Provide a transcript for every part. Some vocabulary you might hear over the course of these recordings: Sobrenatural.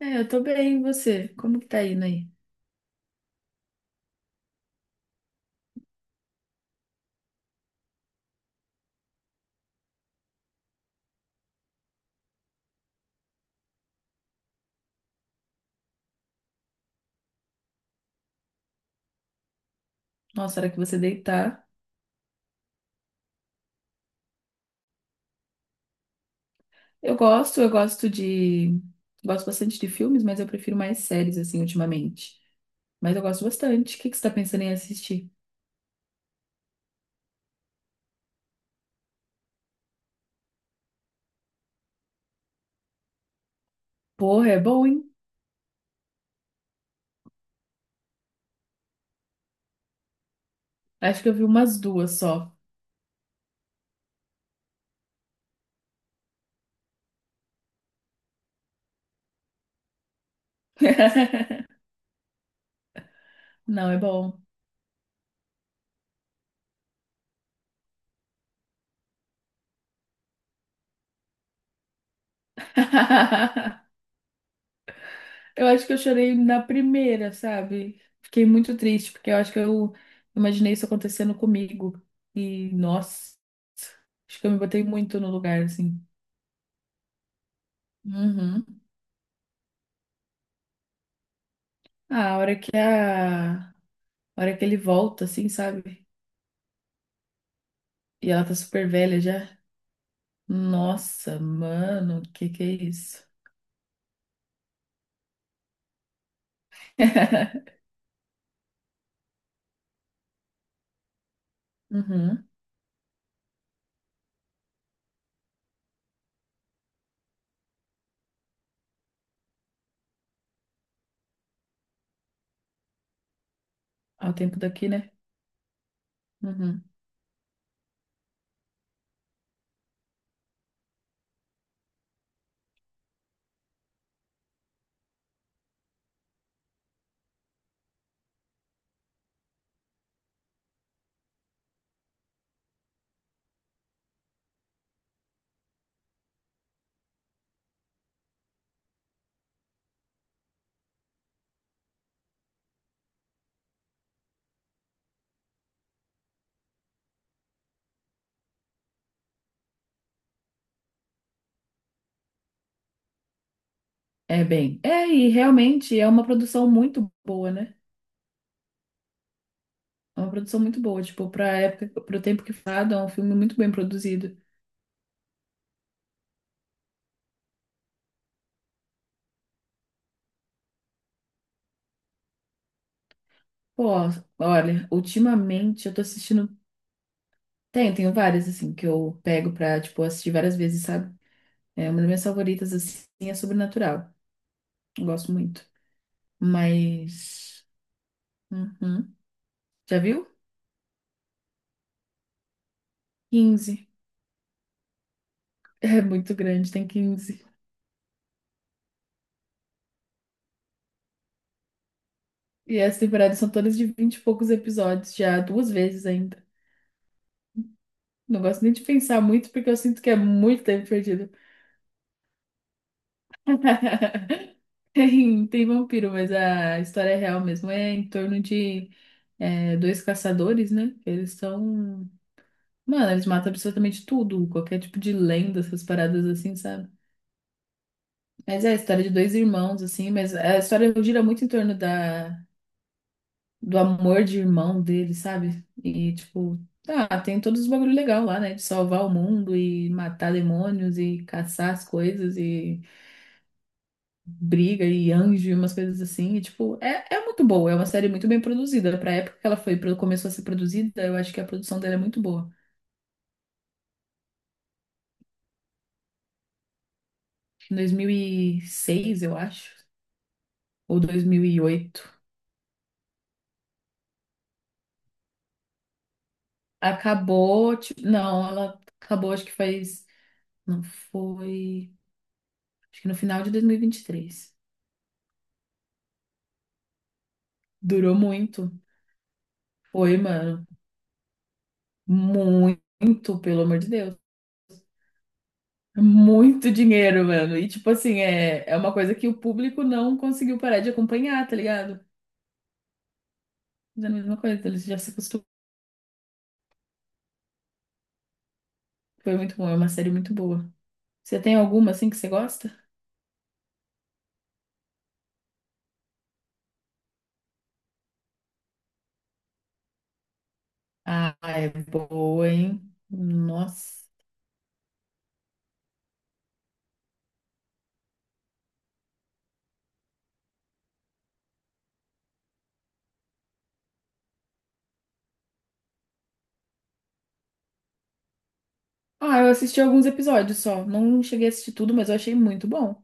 É, eu tô bem, e você? Como que tá indo aí? Nossa, a hora que você deitar. Eu gosto de. Gosto bastante de filmes, mas eu prefiro mais séries, assim, ultimamente. Mas eu gosto bastante. O que que você tá pensando em assistir? Porra, é bom, hein? Acho que eu vi umas duas só. Não, é bom. Eu acho que eu chorei na primeira, sabe? Fiquei muito triste, porque eu acho que eu imaginei isso acontecendo comigo. E, nossa, acho que eu me botei muito no lugar, assim. Uhum. Ah, a hora que ele volta, assim, sabe? E ela tá super velha já. Nossa, mano, que é isso? Uhum. Ao tempo daqui, né? Uhum. É bem. É, e realmente é uma produção muito boa, né? É uma produção muito boa, tipo, pra época, pro tempo que fado, é um filme muito bem produzido. Pô, olha, ultimamente eu tô assistindo. Tenho várias, assim, que eu pego pra, tipo, assistir várias vezes, sabe? É uma das minhas favoritas, assim, é Sobrenatural. Eu gosto muito. Mas. Uhum. Já viu? 15. É muito grande, tem 15. E as temporadas são todas de 20 e poucos episódios, já duas vezes ainda. Não gosto nem de pensar muito, porque eu sinto que é muito tempo perdido. Tem vampiro, mas a história é real mesmo. É em torno de dois caçadores, né? Eles são. Mano, eles matam absolutamente tudo, qualquer tipo de lenda, essas paradas assim, sabe? Mas é a história de dois irmãos, assim, mas a história gira muito em torno da do amor de irmão dele, sabe? E, tipo, ah, tem todos os bagulho legal lá, né? De salvar o mundo e matar demônios e caçar as coisas e briga e anjo e umas coisas assim. E, tipo, é muito boa. É uma série muito bem produzida. Pra época que ela foi, começou a ser produzida, eu acho que a produção dela é muito boa. Em 2006, eu acho, ou 2008. Acabou, tipo, não, ela acabou, acho que faz, não foi, acho que no final de dois mil e vinte e três. Durou muito. Foi, mano. Muito, pelo amor de Deus. Muito dinheiro, mano. E, tipo assim, é uma coisa que o público não conseguiu parar de acompanhar, tá ligado? Mas é a mesma coisa, eles já se acostumaram. Foi muito bom, é uma série muito boa. Você tem alguma, assim, que você gosta? Ah, é boa, hein? Nossa. Ah, eu assisti alguns episódios só. Não cheguei a assistir tudo, mas eu achei muito bom.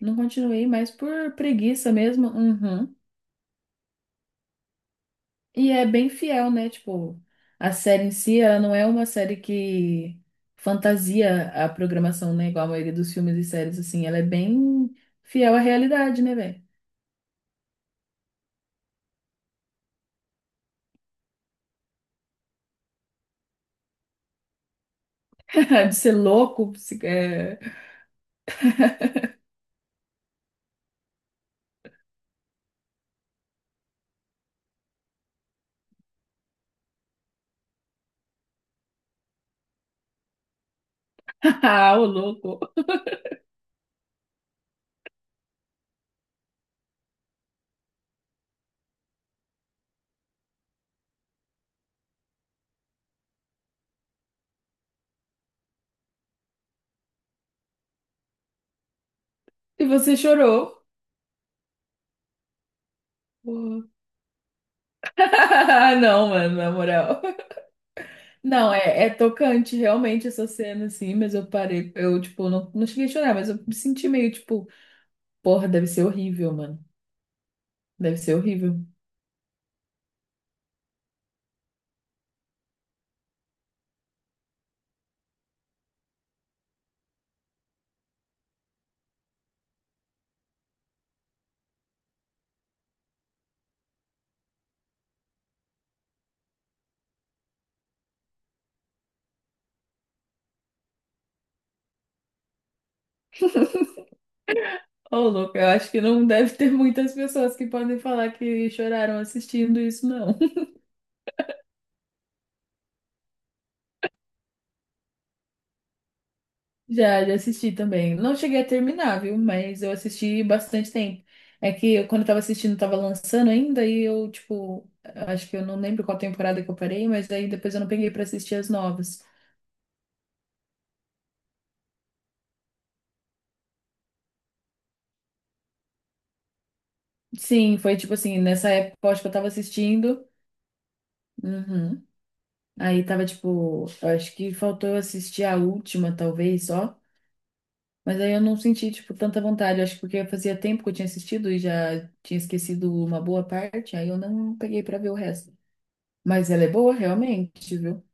Não continuei mais por preguiça mesmo. Uhum. E é bem fiel, né? Tipo, a série em si, ela não é uma série que fantasia a programação, né? Igual a maioria dos filmes e séries, assim. Ela é bem fiel à realidade, né, velho? De ser louco, se... é... Ah, o louco. E você chorou. Pô. Não, mano, na moral. Não, é tocante, realmente, essa cena, assim. Mas eu parei, eu, tipo, não cheguei a chorar, mas eu me senti meio, tipo, porra, deve ser horrível, mano. Deve ser horrível. Ô, Luca, eu acho que não deve ter muitas pessoas que podem falar que choraram assistindo isso, não. Já assisti também. Não cheguei a terminar, viu? Mas eu assisti bastante tempo. É que eu, quando eu tava assistindo, tava lançando ainda e eu, tipo, acho que eu não lembro qual temporada que eu parei, mas aí depois eu não peguei pra assistir as novas. Sim, foi tipo assim, nessa época eu acho que eu tava assistindo. Uhum. Aí tava tipo, eu acho que faltou eu assistir a última, talvez, só. Mas aí eu não senti, tipo, tanta vontade. Acho que porque fazia tempo que eu tinha assistido e já tinha esquecido uma boa parte, aí eu não peguei pra ver o resto. Mas ela é boa, realmente, viu?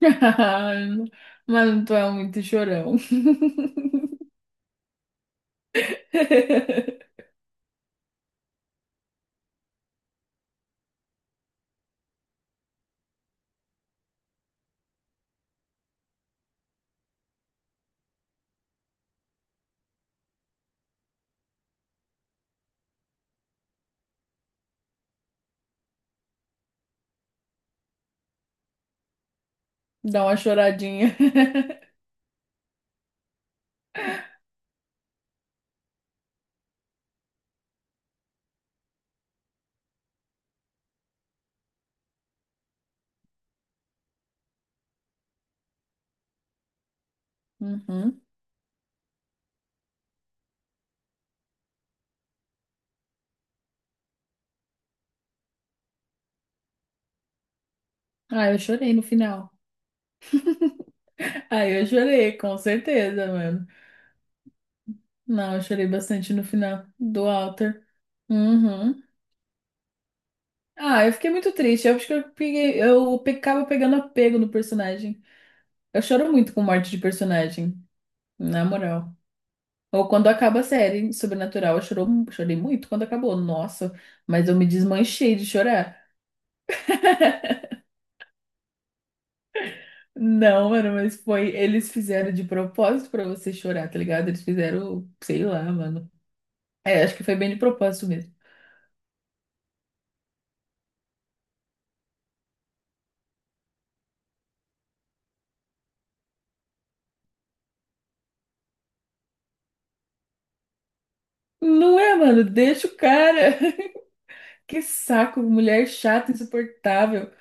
Mas tu é muito chorão. Dá uma choradinha. Uhum. Ah, eu chorei no final. Ah, eu chorei, com certeza, mano. Não, eu chorei bastante no final do Alter. Uhum. Ah, eu fiquei muito triste. Eu acho que eu peguei, eu pe- acabo pegando apego no personagem. Eu choro muito com morte de personagem, na moral. Ou quando acaba a série Sobrenatural, eu chorei muito quando acabou. Nossa, mas eu me desmanchei de chorar. Não, mano, mas foi. Eles fizeram de propósito pra você chorar, tá ligado? Eles fizeram, sei lá, mano. É, acho que foi bem de propósito mesmo. Não é, mano? Deixa o cara. Que saco, mulher chata, insuportável.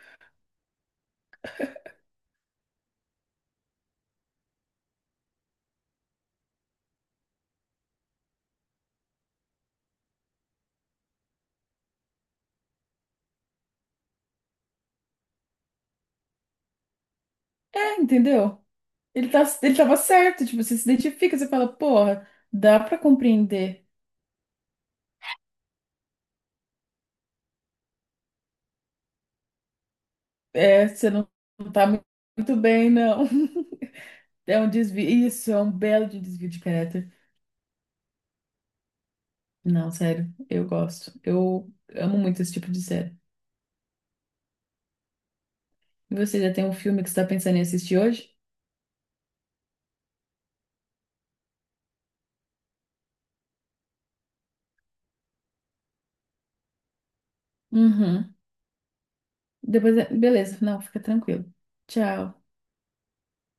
É, entendeu? Ele tava certo, tipo, você se identifica, você fala, porra, dá pra compreender. É, você não tá muito bem, não. É um desvio. Isso, é um belo de desvio de caráter. Não, sério, eu gosto. Eu amo muito esse tipo de série. E você já tem um filme que você tá pensando em assistir hoje? Uhum. Depois, beleza, não, fica tranquilo. Tchau.